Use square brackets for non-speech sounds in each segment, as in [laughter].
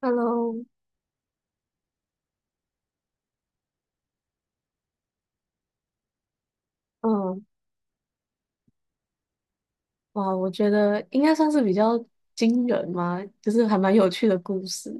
Hello，嗯，哇，我觉得应该算是比较惊人嘛，就是还蛮有趣的故事。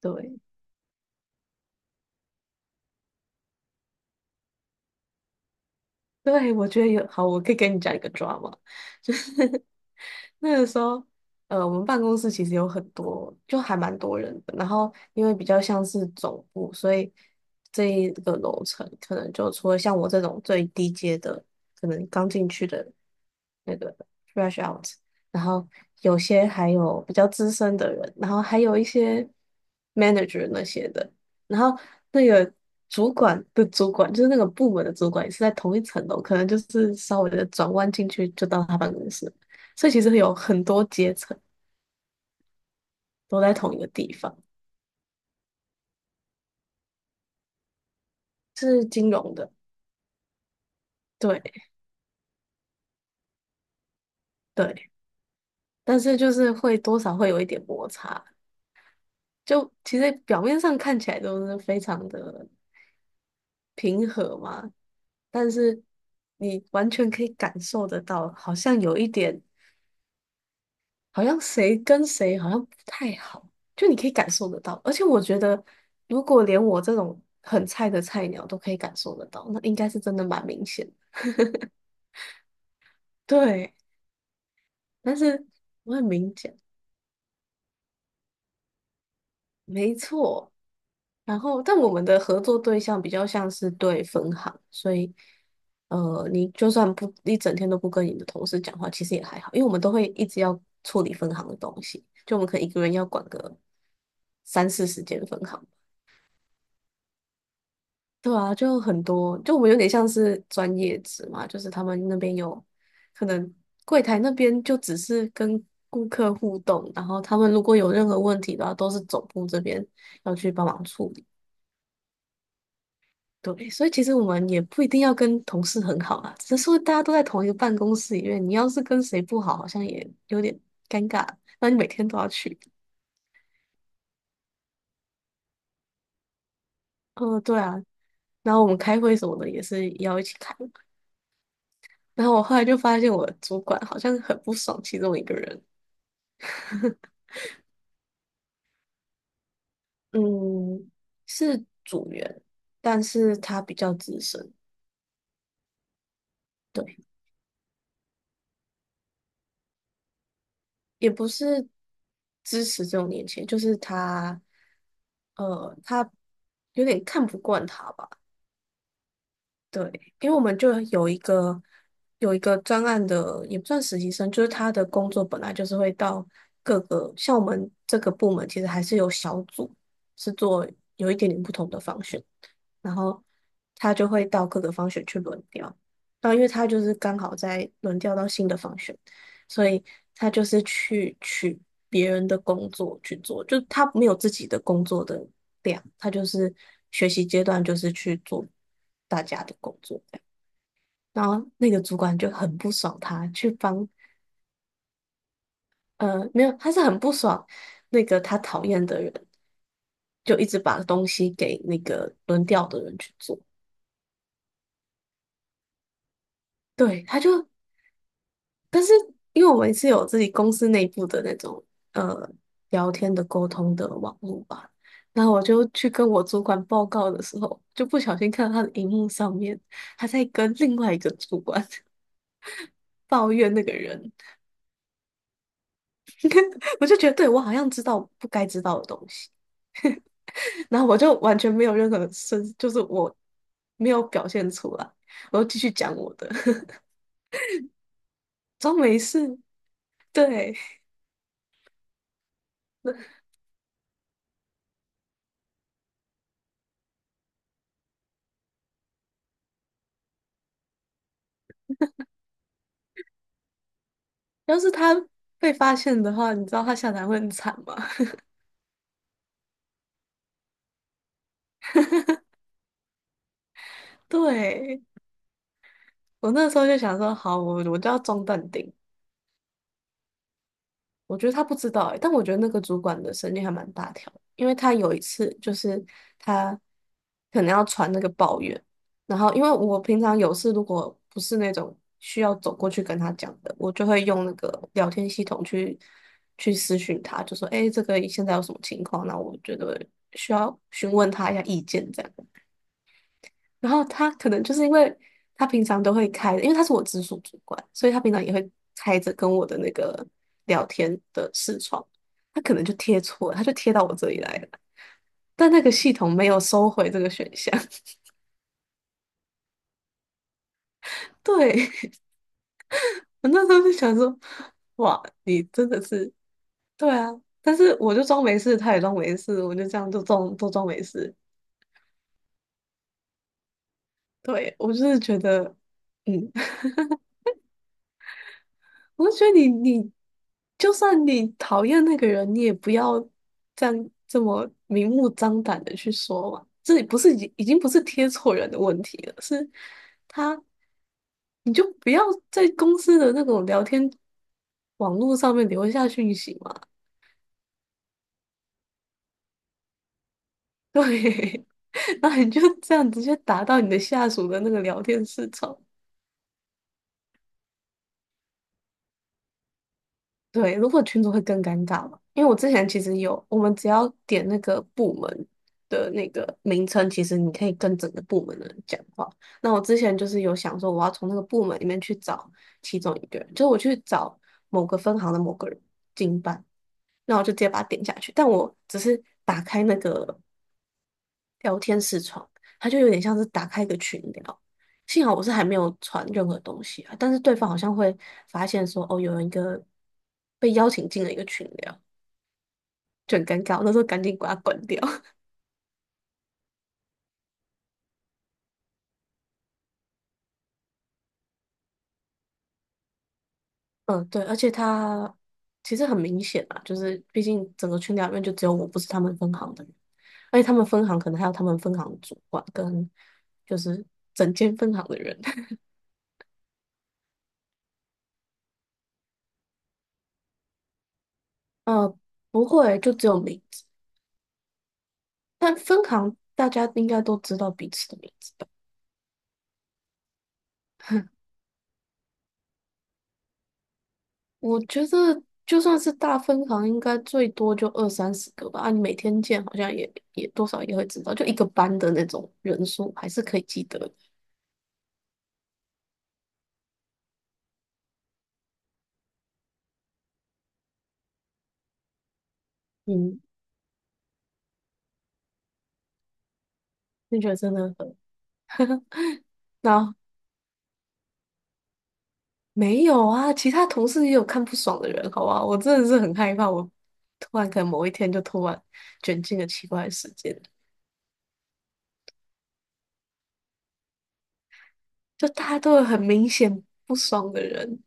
对，对，我觉得有，好，我可以跟你讲一个 drama，就是 [laughs] 那个时候，我们办公室其实有很多，就还蛮多人的。然后因为比较像是总部，所以这一个楼层可能就除了像我这种最低阶的，可能刚进去的那个 fresh out，然后有些还有比较资深的人，然后还有一些 manager 那些的。然后那个主管的主管，就是那个部门的主管，也是在同一层楼，可能就是稍微的转弯进去就到他办公室，所以其实有很多阶层都在同一个地方。对对，但是就是会多少会有一点摩擦，就其实表面上看起来都是非常的平和嘛，但是你完全可以感受得到，好像有一点。好像谁跟谁好像不太好，就你可以感受得到。而且我觉得，如果连我这种很菜的菜鸟都可以感受得到，那应该是真的蛮明显的。对，但是我很明显，没错。然后，但我们的合作对象比较像是对分行，所以，你就算不一整天都不跟你的同事讲话，其实也还好，因为我们都会一直要处理分行的东西，就我们可能一个人要管个三四十间分行。对啊，就很多，就我们有点像是专业职嘛，就是他们那边有可能柜台那边就只是跟顾客互动，然后他们如果有任何问题的话，都是总部这边要去帮忙处理。对，所以其实我们也不一定要跟同事很好啊，只是说大家都在同一个办公室里面，你要是跟谁不好，好像也有点尴尬。那你每天都要去，嗯、对啊。然后我们开会什么的也是要一起开。然后我后来就发现我主管好像很不爽其中一个人，嗯，是组员，但是他比较资深，对，也不是支持这种年轻人，就是他，他有点看不惯他吧，对，因为我们就有一个专案的，也不算实习生，就是他的工作本来就是会到各个，像我们这个部门其实还是有小组，是做有一点点不同的方式。然后他就会到各个方选去轮调。然后因为他就是刚好在轮调到新的方选，所以他就是去取别人的工作去做，就他没有自己的工作的量，他就是学习阶段就是去做大家的工作这样然后那个主管就很不爽他，去帮没有，他是很不爽那个他讨厌的人，就一直把东西给那个轮调的人去做。对，他就但是因为我们是有自己公司内部的那种呃聊天的沟通的网络吧，然后我就去跟我主管报告的时候，就不小心看到他的荧幕上面，他在跟另外一个主管 [laughs] 抱怨那个人，[laughs] 我就觉得对我好像知道不该知道的东西，然后我就完全没有任何声，就是我没有表现出来，我就继续讲我的，[laughs] 装没事。对，要是他被发现的话，你知道他下台会很惨吗？[laughs] 对，我那时候就想说，好，我就要中淡定。我觉得他不知道欸，但我觉得那个主管的神经还蛮大条的因为他有一次就是他可能要传那个抱怨，然后因为我平常有事如果不是那种需要走过去跟他讲的，我就会用那个聊天系统去私讯他，就说，诶，这个现在有什么情况？那我觉得需要询问他一下意见这样。然后他可能就是因为他平常都会开，因为他是我直属主管，所以他平常也会开着跟我的那个聊天的视窗，他可能就贴错了他就贴到我这里来了，但那个系统没有收回这个选项。[laughs] 对，[laughs] 我那时候就想说，哇，你真的是，对啊，但是我就装没事，他也装没事，我就这样就装都装没事。对，我就是觉得，嗯，我觉得你就算你讨厌那个人，你也不要这样这么明目张胆的去说嘛。这也不是已经不是贴错人的问题了，是他，你就不要在公司的那种聊天网络上面留下讯息嘛。对，[laughs] 然后你就这样直接打到你的下属的那个聊天市场，对，如果群组会更尴尬嘛，因为我之前其实有，我们只要点那个部门的那个名称，其实你可以跟整个部门的人讲话。那我之前就是有想说，我要从那个部门里面去找其中一个人，就是我去找某个分行的某个人经办，那我就直接把它点下去。但我只是打开那个聊天视窗，它就有点像是打开一个群聊。幸好我是还没有传任何东西啊，但是对方好像会发现说，哦，有人一个被邀请进了一个群聊，就很尴尬。我那时候赶紧把它关掉。[laughs] 嗯，对，而且他其实很明显啊，就是毕竟整个群聊里面就只有我不是他们分行的人，而且他们分行可能还有他们分行的主管跟就是整间分行的人。[laughs] 呃，不会，就只有名字，但分行大家应该都知道彼此的名字吧。我觉得就算是大分行，应该最多就二三十个吧。啊，你每天见，好像也多少也会知道，就一个班的那种人数，还是可以记得的。嗯，那觉得真的很 [laughs] 那没有啊，其他同事也有看不爽的人，好吧？我真的是很害怕，我突然可能某一天就突然卷进了奇怪的事件，就大家都有很明显不爽的人。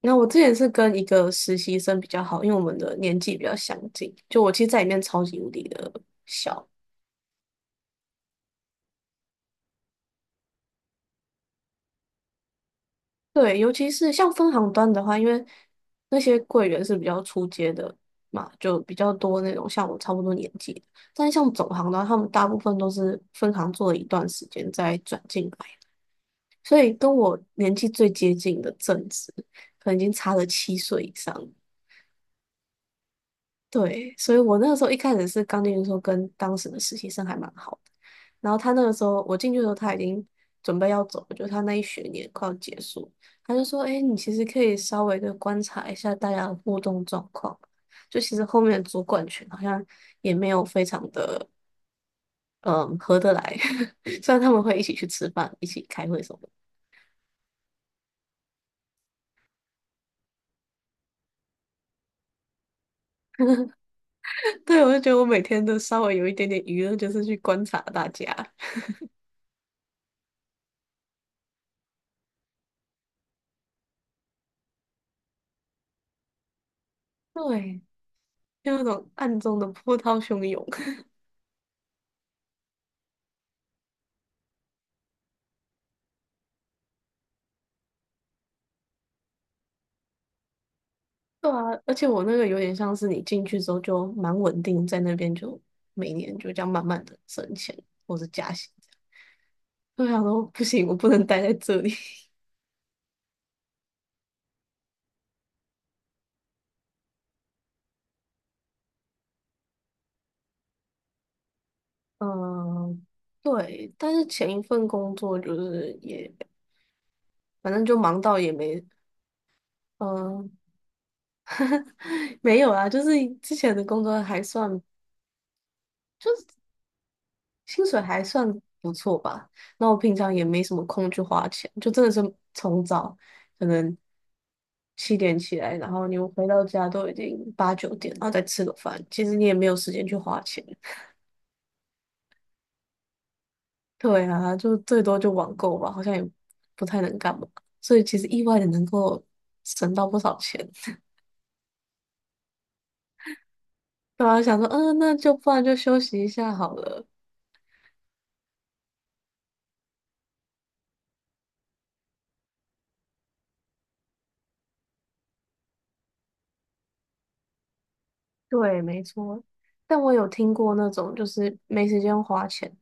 那我之前是跟一个实习生比较好，因为我们的年纪比较相近。就我其实在里面超级无敌的小，对，尤其是像分行端的话，因为那些柜员是比较出街的嘛，就比较多那种像我差不多年纪的。但是像总行的话，他们大部分都是分行做了一段时间再转进来，所以跟我年纪最接近的正职，可能已经差了7岁以上。对，所以我那个时候一开始是刚进去的时候，跟当时的实习生还蛮好的。然后他那个时候我进去的时候，他已经准备要走了，就是他那一学年快要结束，他就说：“哎，你其实可以稍微的观察一下大家的互动状况。就其实后面的主管群好像也没有非常的嗯合得来，[laughs] 虽然他们会一起去吃饭、一起开会什么的。对，我就觉得我每天都稍微有一点点娱乐，就是去观察大家，对，就那种暗中的波涛汹涌。”对啊，而且我那个有点像是你进去之后就蛮稳定，在那边就每年就这样慢慢的升钱或者加薪这样。就想说不行，我不能待在这里。[laughs] 嗯，对，但是前一份工作就是也反正就忙到也没嗯 [laughs] [sighs] 没有啊，就是之前的工作还算薪水还算不错吧。那我平常也没什么空去花钱，就真的是从早可能7点起来，然后你回到家都已经8、9点，然后再吃个饭，其实你也没有时间去花钱。对啊，就最多就网购吧，好像也不太能干嘛。所以其实意外的能够省到不少钱。[laughs] 对啊，想说，嗯、那就不然就休息一下好了。对，没错。但我有听过那种就是没时间花钱，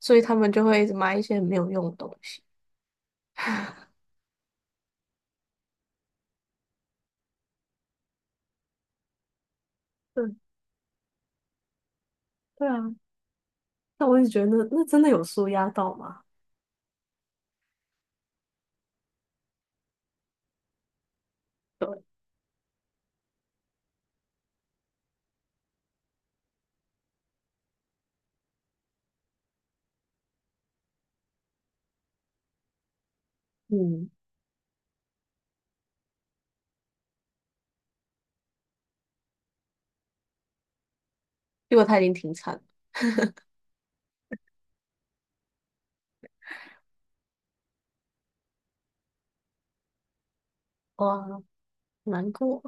所以他们就会一直买一些没有用的东西。对对啊，但我一直觉得那真的有舒压到吗？对，嗯，因为他已经停产了，哇，难过。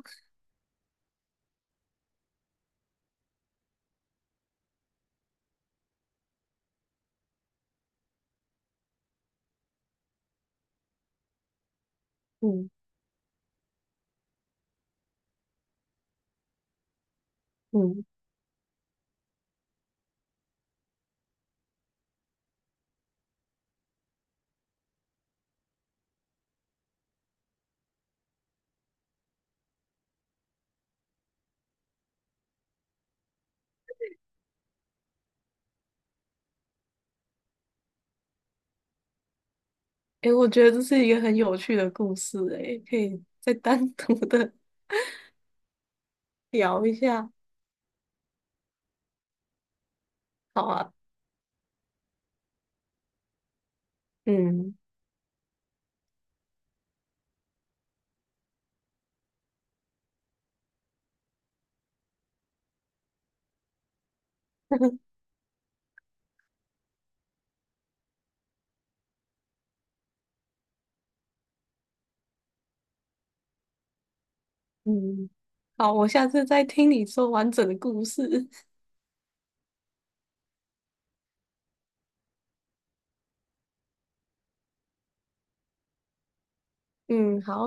嗯嗯，诶，我觉得这是一个很有趣的故事，诶，可以再单独的 [laughs] 聊一下。好啊，嗯 [laughs] 嗯，好，我下次再听你说完整的故事。[laughs] 嗯，好。